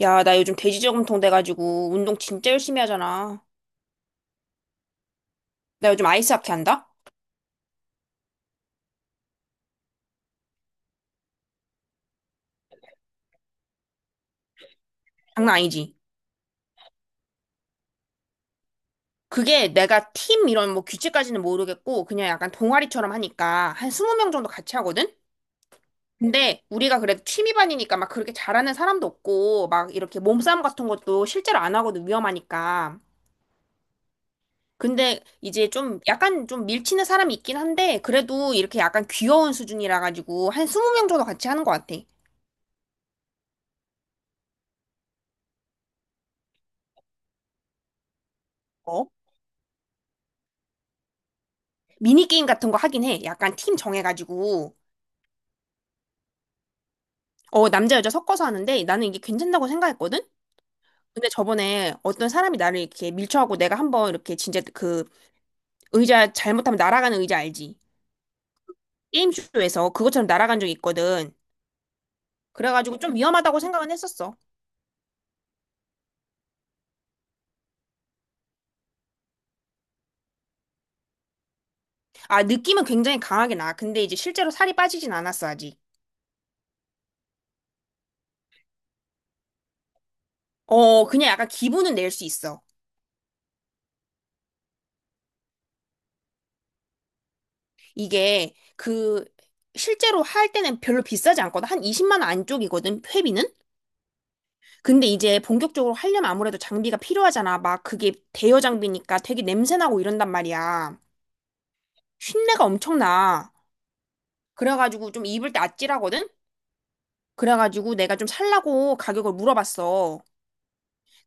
야, 나 요즘 돼지저금통 돼가지고 운동 진짜 열심히 하잖아. 나 요즘 아이스하키 한다? 장난 아니지? 그게 내가 팀 이런 뭐 규칙까지는 모르겠고 그냥 약간 동아리처럼 하니까 한 20명 정도 같이 하거든? 근데 우리가 그래도 취미반이니까 막 그렇게 잘하는 사람도 없고 막 이렇게 몸싸움 같은 것도 실제로 안 하거든, 위험하니까. 근데 이제 좀 약간 밀치는 사람이 있긴 한데 그래도 이렇게 약간 귀여운 수준이라 가지고 한 20명 정도 같이 하는 것 같아. 어? 미니게임 같은 거 하긴 해. 약간 팀 정해가지고. 어, 남자, 여자 섞어서 하는데 나는 이게 괜찮다고 생각했거든? 근데 저번에 어떤 사람이 나를 이렇게 밀쳐하고 내가 한번 이렇게 진짜 그 의자, 잘못하면 날아가는 의자 알지? 게임쇼에서 그것처럼 날아간 적이 있거든. 그래가지고 좀 위험하다고 생각은 했었어. 아, 느낌은 굉장히 강하게 나. 근데 이제 실제로 살이 빠지진 않았어, 아직. 어, 그냥 약간 기분은 낼 수 있어. 이게 그 실제로 할 때는 별로 비싸지 않거든. 한 20만 원 안쪽이거든, 회비는? 근데 이제 본격적으로 하려면 아무래도 장비가 필요하잖아. 막 그게 대여 장비니까 되게 냄새나고 이런단 말이야. 쉰내가 엄청나. 그래가지고 좀 입을 때 아찔하거든? 그래가지고 내가 좀 살라고 가격을 물어봤어.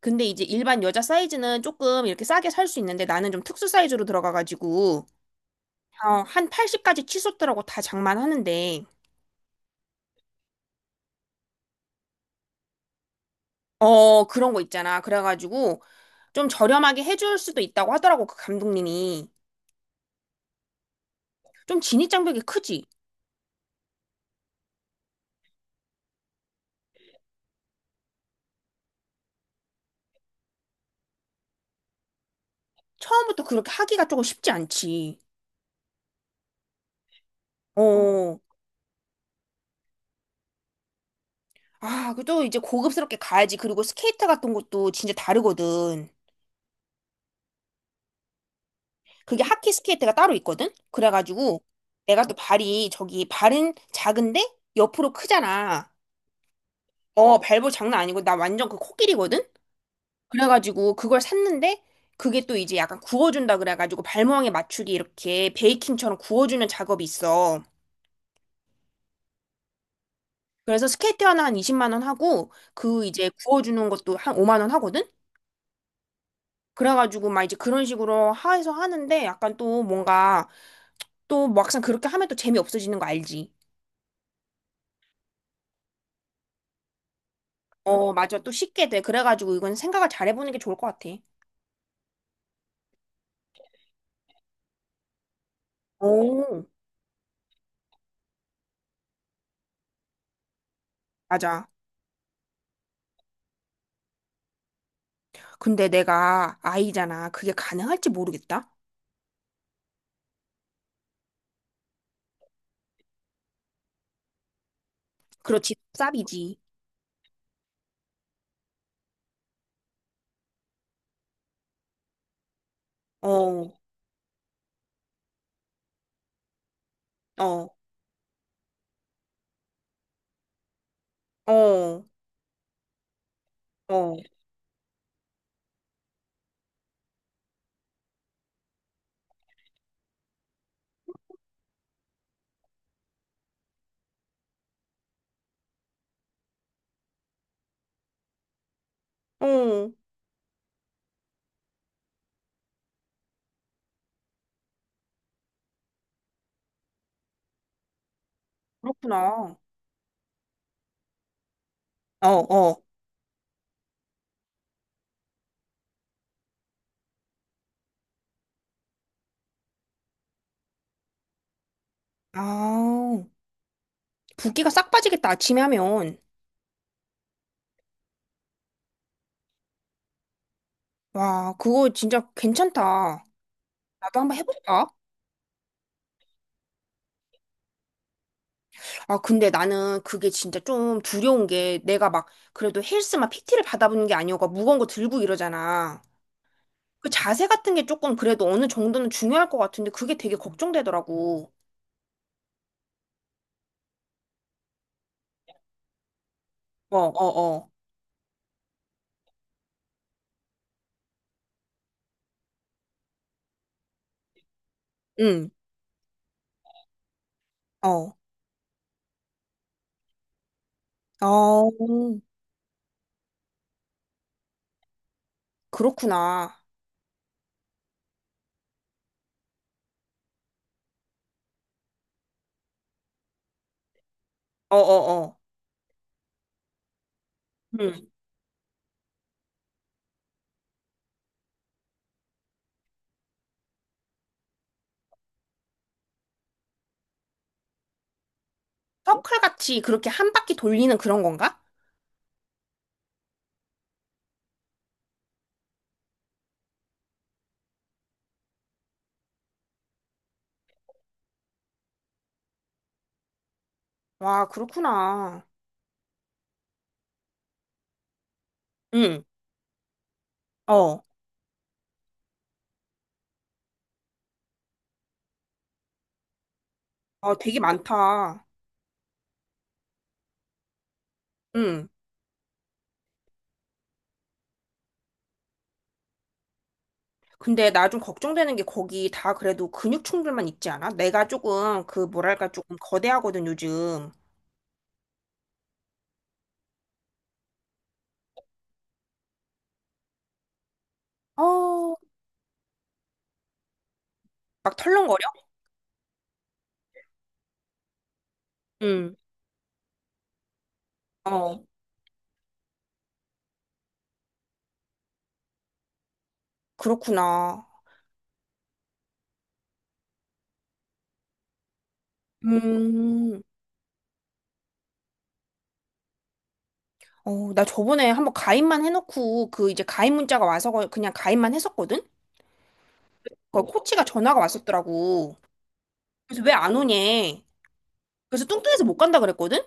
근데 이제 일반 여자 사이즈는 조금 이렇게 싸게 살 수 있는데 나는 좀 특수 사이즈로 들어가가지고 어, 한 80까지 치솟더라고, 다 장만하는데. 어, 그런 거 있잖아. 그래가지고 좀 저렴하게 해줄 수도 있다고 하더라고, 그 감독님이. 좀 진입 장벽이 크지? 처음부터 그렇게 하기가 조금 쉽지 않지. 음. 어. 아, 그래도 이제 고급스럽게 가야지. 그리고 스케이트 같은 것도 진짜 다르거든. 그게 하키 스케이트가 따로 있거든? 그래가지고 내가 또 발이, 저기 발은 작은데 옆으로 크잖아. 어, 발볼 장난 아니고 나 완전 그 코끼리거든? 그래가지고 그걸 샀는데 그게 또 이제 약간 구워준다 그래가지고 발모양에 맞추게 이렇게 베이킹처럼 구워주는 작업이 있어. 그래서 스케이트 하나 한 20만 원 하고 그 이제 구워주는 것도 한 5만 원 하거든? 그래가지고 막 이제 그런 식으로 해서 하는데 약간 또 뭔가 또 막상 그렇게 하면 또 재미없어지는 거 알지? 어, 맞아. 또 쉽게 돼. 그래가지고 이건 생각을 잘 해보는 게 좋을 것 같아. 오. 맞아. 근데 내가 아이잖아. 그게 가능할지 모르겠다. 그렇지. 쌉이지. 어, 어, 어, 어, 어. 그렇구나. 어, 어. 아, 붓기가 싹 빠지겠다, 아침에 하면. 와, 그거 진짜 괜찮다. 나도 한번 해볼까? 아, 근데 나는 그게 진짜 좀 두려운 게, 내가 막 그래도 헬스만 PT를 받아보는 게 아니어가 무거운 거 들고 이러잖아. 그 자세 같은 게 조금 그래도 어느 정도는 중요할 것 같은데, 그게 되게 걱정되더라고. 어, 어, 어. 응. 어. 어. 그렇구나. 어, 어, 어. 응. 서클 같이 그렇게 한 바퀴 돌리는 그런 건가? 와, 그렇구나. 응. 어. 아, 되게 많다. 응. 근데 나 좀 걱정되는 게, 거기 다 그래도 근육충들만 있지 않아? 내가 조금 그 뭐랄까 조금 거대하거든 요즘. 어, 막 털렁거려? 응. 어, 그렇구나. 음. 어, 나 저번에 한번 가입만 해놓고 그 이제 가입 문자가 와서 그냥 가입만 했었거든? 그 코치가 전화가 왔었더라고. 그래서 왜 안 오냐? 그래서 뚱뚱해서 못 간다 그랬거든?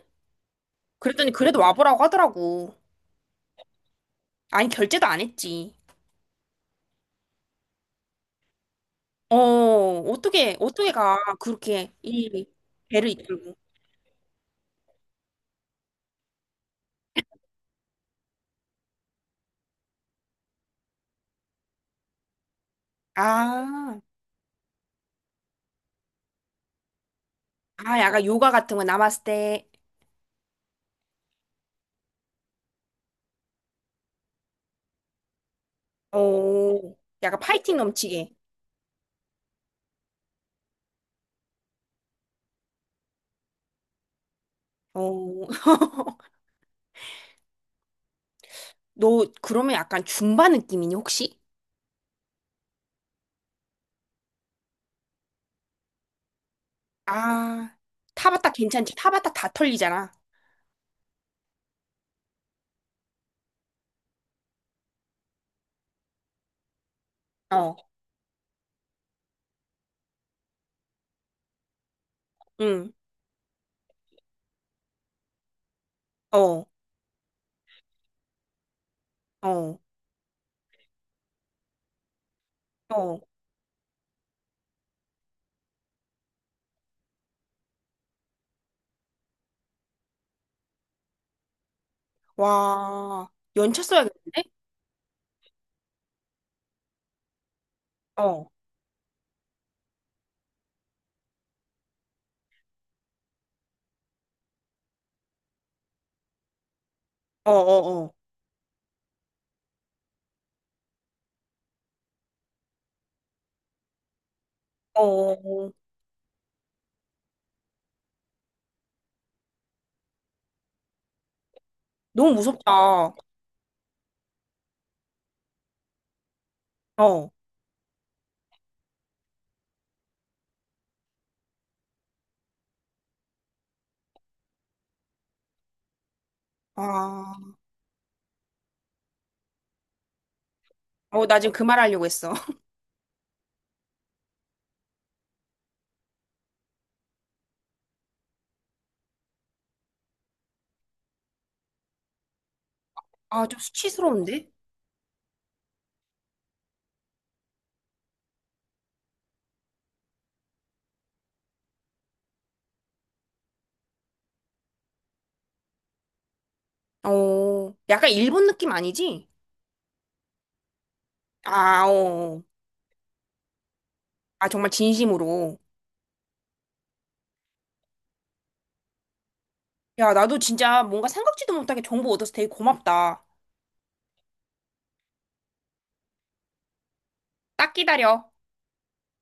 그랬더니 그래도 와보라고 하더라고. 아니 결제도 안 했지. 어, 어떻게, 어떻게 가. 그렇게 이 배를 이끌고. 아, 아, 약간 요가 같은 거, 나마스테. 어, 약간 파이팅 넘치게. 어, 너 그러면 약간 줌바 느낌이니, 혹시? 아, 타바타 괜찮지? 타바타 다 털리잖아. 어, 응, 어, 어, 어. 와, 연차 써야겠는데? 어, 어, 어, 어, 어. 너무 무섭다. 어, 아, 어, 나 지금 그 말 하려고 했어. 아, 좀 수치스러운데? 어, 약간 일본 느낌 아니지? 아, 어. 어. 아, 정말 진심으로. 야, 나도 진짜 뭔가 생각지도 못하게 정보 얻어서 되게 고맙다. 딱 기다려.